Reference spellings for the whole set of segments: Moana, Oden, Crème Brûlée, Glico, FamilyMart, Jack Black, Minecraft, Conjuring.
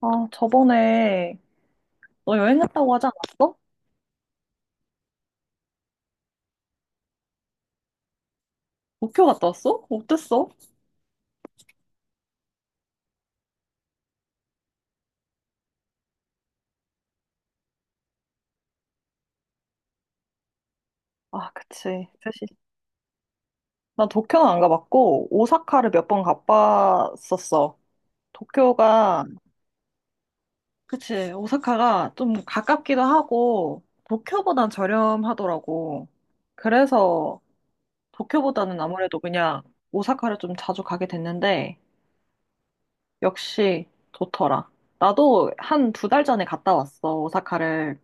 아, 저번에 너 여행 갔다고 하지 않았어? 도쿄 갔다 왔어? 어땠어? 아, 그치. 사실 나 도쿄는 안 가봤고 오사카를 몇 번 가봤었어. 도쿄가 그치. 오사카가 좀 가깝기도 하고 도쿄보단 저렴하더라고. 그래서 도쿄보다는 아무래도 그냥 오사카를 좀 자주 가게 됐는데 역시 좋더라. 나도 한 두 달 전에 갔다 왔어, 오사카를.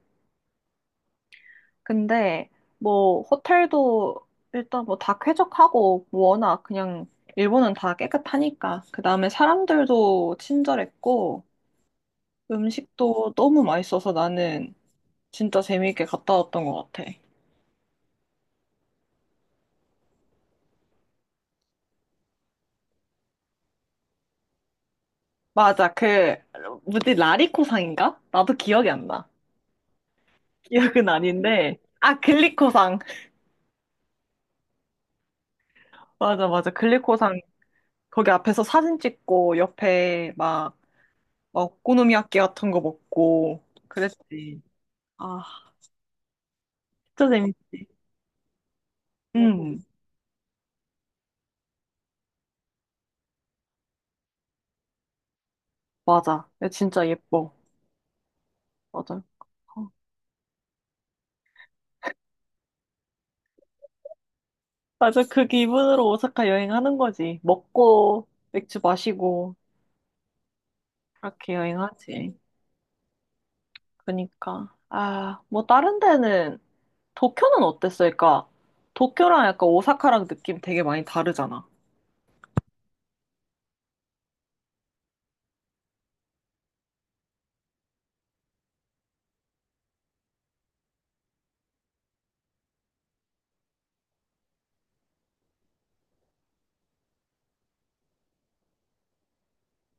근데 뭐 호텔도 일단 뭐 다 쾌적하고 뭐 워낙 그냥 일본은 다 깨끗하니까 그 다음에 사람들도 친절했고 음식도 너무 맛있어서 나는 진짜 재미있게 갔다 왔던 것 같아. 맞아 그 뭐지 라리코상인가? 나도 기억이 안 나. 기억은 아닌데 아 글리코상 맞아 맞아 글리코상 거기 앞에서 사진 찍고 옆에 막 막 오코노미야끼 같은 거 먹고 그랬지. 아 진짜 재밌지. 응, 맞아. 야, 진짜 예뻐. 맞아. 어. 맞아. 그 기분으로 오사카 여행하는 거지. 먹고, 맥주 마시고, 그렇게 여행하지. 그니까. 아, 뭐, 다른 데는, 도쿄는 어땠어? 그러니까, 도쿄랑 약간 오사카랑 느낌 되게 많이 다르잖아.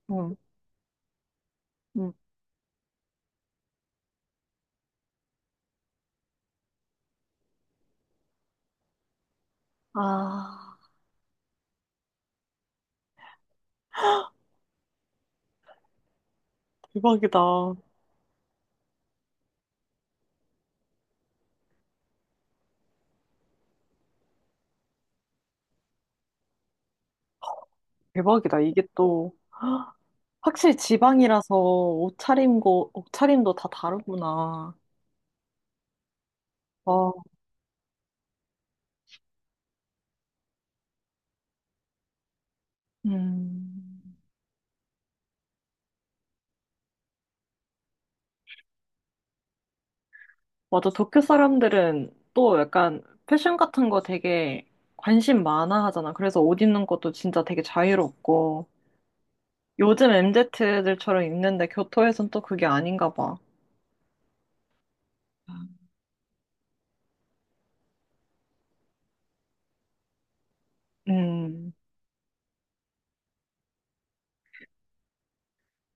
응, 응. 아, 대박이다. 대박이다. 이게 또, 확실히 지방이라서 옷차림도 다 다르구나. 어, 음. 맞아. 도쿄 사람들은 또 약간 패션 같은 거 되게 관심 많아 하잖아. 그래서 옷 입는 것도 진짜 되게 자유롭고. 요즘 MZ들처럼 입는데 교토에선 또 그게 아닌가 봐. 음.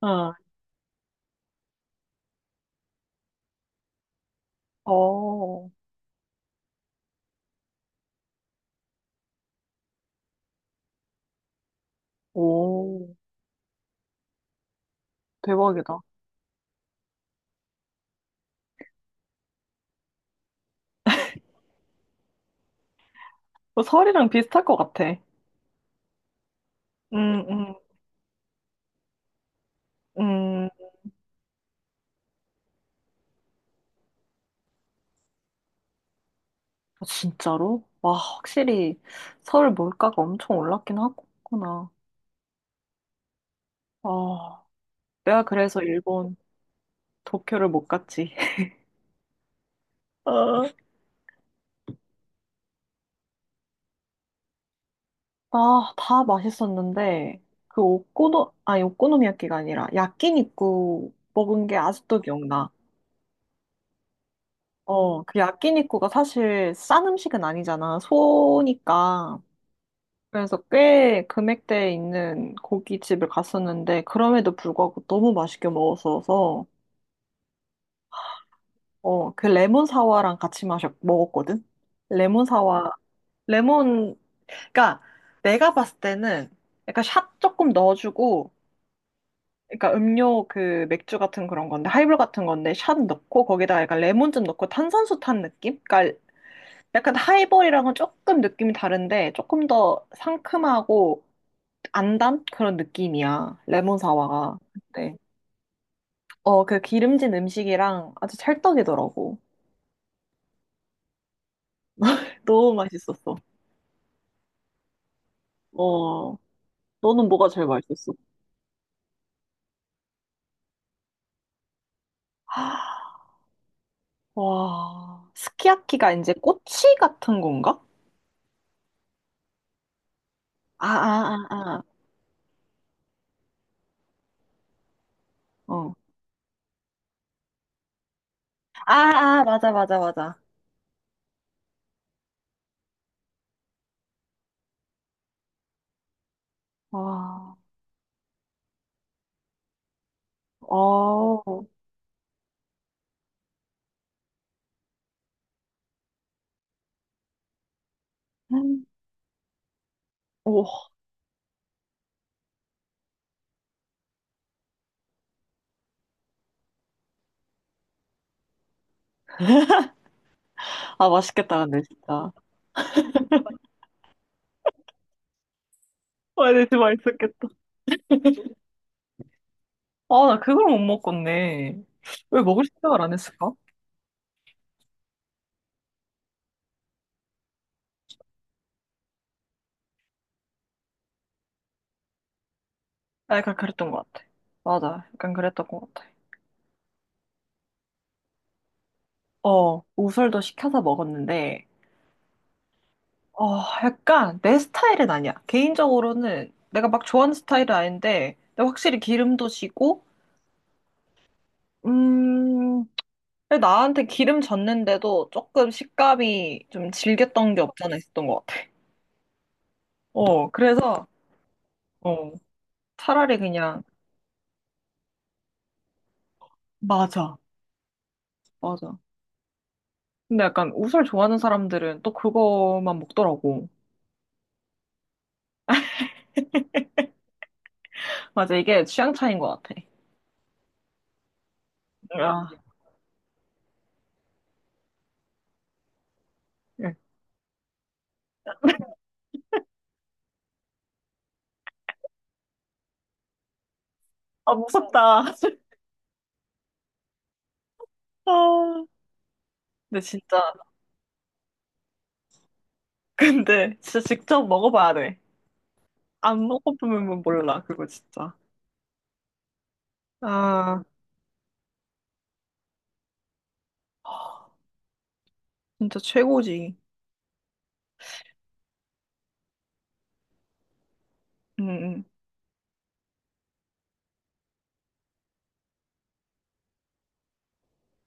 어. 어. 오. 대박이다. 어, 설이랑 비슷할 것 같아. 음, 음, 음. 아, 진짜로? 와, 확실히 서울 물가가 엄청 올랐긴 하구나. 아, 내가 그래서 일본 도쿄를 못 갔지. 어. 아, 다 맛있었는데, 그 오코노, 아니, 오코노미야끼가 아니라, 야끼니쿠 먹은 게 아직도 기억나. 어, 그 야끼니쿠가 사실 싼 음식은 아니잖아. 소니까. 그래서 꽤 금액대에 있는 고깃집을 갔었는데, 그럼에도 불구하고 너무 맛있게 먹었어서, 어, 그 레몬 사와랑 같이 먹었거든? 레몬 사와, 레몬, 그니까 내가 봤을 때는 약간 샷 조금 넣어주고, 그러니까 음료 그 맥주 같은 그런 건데 하이볼 같은 건데 샷 넣고 거기다가 약간 레몬 즙 넣고 탄산수 탄 느낌? 그러니까 약간 하이볼이랑은 조금 느낌이 다른데 조금 더 상큼하고 안 단 그런 느낌이야 레몬 사와가. 네. 어 그 기름진 음식이랑 아주 찰떡이더라고. 너무 맛있었어. 어 너는 뭐가 제일 맛있었어? 아, 와 스키야키가 이제 꼬치 같은 건가? 아 아, 아, 아. 어. 아, 아, 맞아, 맞아, 맞아. 와, 어, 음, 오, 아, 맛있겠다, 근데, 진짜. 와, 근데 진짜 맛있었겠다. 아, 나 그걸 못 먹었네. 왜 먹을 생각을 안 했을까? 아, 약간 그랬던 것 같아. 맞아, 약간 그랬던 것 같아. 어, 우설도 시켜서 먹었는데, 어, 약간 내 스타일은 아니야. 개인적으로는 내가 막 좋아하는 스타일은 아닌데, 근데 확실히 기름도 지고, 음, 근데 나한테 기름 졌는데도 조금 식감이 좀 질겼던 게 없잖아 있었던 것 같아. 어, 그래서 어, 차라리 그냥, 맞아. 맞아. 근데 약간 옷을 좋아하는 사람들은 또 그거만 먹더라고. 맞아, 이게 취향 차이인 것 같아. 아, 예. 아 무섭다. 아, 근데 진짜, 근데 진짜 직접 먹어봐야 돼. 안 먹어보면 몰라, 그거 진짜. 아, 진짜 최고지. 응, 응.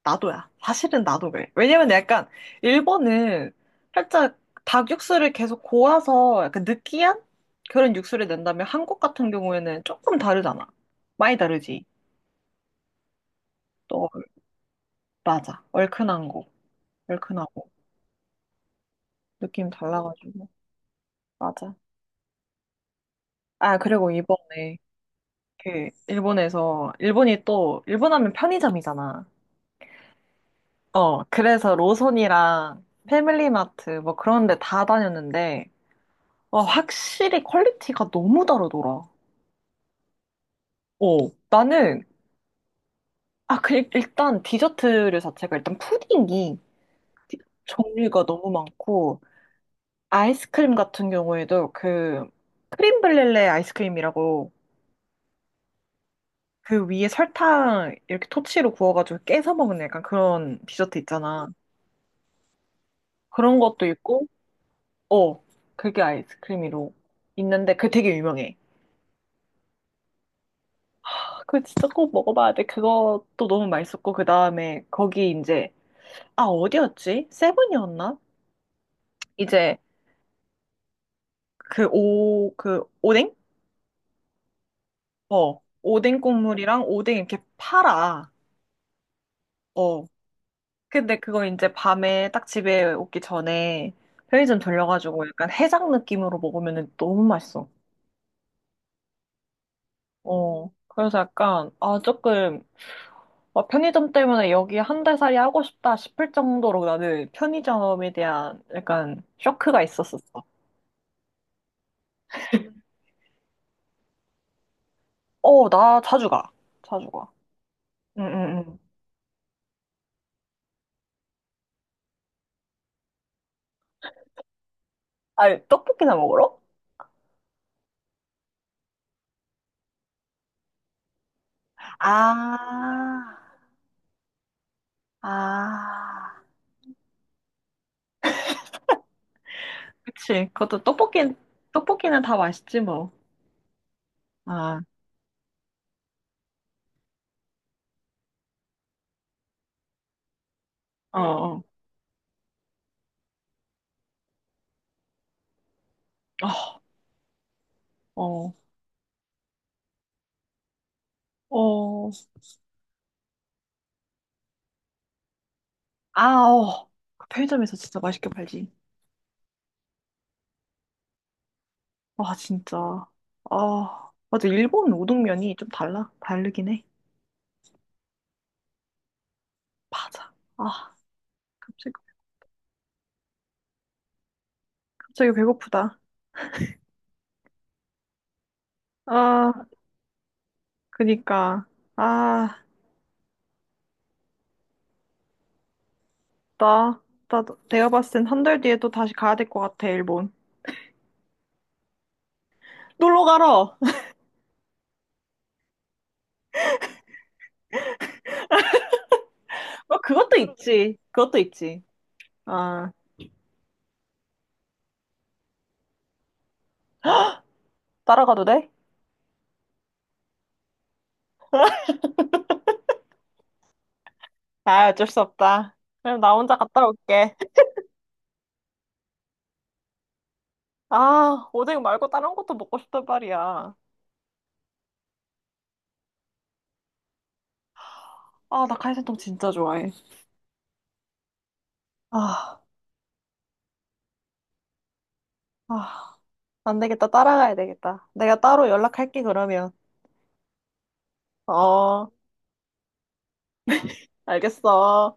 나도야. 사실은 나도 그래. 왜냐면 약간 일본은 살짝 닭 육수를 계속 고아서 약간 느끼한 그런 육수를 낸다면 한국 같은 경우에는 조금 다르잖아. 많이 다르지. 또 맞아. 얼큰한 거. 얼큰하고 느낌 달라가지고. 맞아. 아, 그리고 이번에 그 일본에서 일본 하면 편의점이잖아. 어, 그래서 로손이랑 패밀리마트 뭐 그런 데 다 다녔는데 어, 확실히 퀄리티가 너무 다르더라. 어, 나는, 아, 그, 일단 디저트류 자체가 일단 푸딩이 종류가 너무 많고, 아이스크림 같은 경우에도 그, 크림 블렐레 아이스크림이라고 그 위에 설탕 이렇게 토치로 구워가지고 깨서 먹는 약간 그런 디저트 있잖아. 그런 것도 있고, 어, 그게 아이스크림으로 있는데 그게 되게 유명해. 아, 그거 진짜 꼭 먹어봐야 돼. 그것도 너무 맛있었고, 그 다음에 거기 이제, 아, 어디였지? 세븐이었나? 이제 그 오뎅? 어, 오뎅 국물이랑 오뎅 이렇게 팔아. 어. 근데 그거 이제 밤에 딱 집에 오기 전에 편의점 돌려가지고 약간 해장 느낌으로 먹으면 너무 맛있어. 어. 그래서 약간, 아, 조금, 어, 편의점 때문에 여기 한달 살이 하고 싶다 싶을 정도로 나는 편의점에 대한 약간 쇼크가 있었었어. 어, 나 자주 가. 자주 가. 응, 응, 응. 아, 떡볶이나 먹으러? 아, 아. 그치. 떡볶이는 다 맛있지, 뭐. 아, 어, 어, 어, 어, 어. 아, 어. 그 편의점에서 진짜 맛있게 팔지. 와, 진짜. 아, 맞아. 일본 우동면이 좀 달라. 다르긴 해. 맞아. 아, 갑자기, 갑자기 배고프다. 아, 그니까. 아, 나, 나, 내가 봤을 땐 한 달 뒤에 또 다시 가야 될 것 같아, 일본. 놀러 가러. 어, 그것도 있지. 그것도 있지. 아, 따라가도 돼? 아, 어쩔 수 없다. 그럼 나 혼자 갔다 올게. 아, 오뎅 말고 다른 것도 먹고 싶단 말이야. 아, 나칼이센동 진짜 좋아해. 아, 아, 안 되겠다. 따라가야 되겠다. 내가 따로 연락할게, 그러면. 어, 알겠어.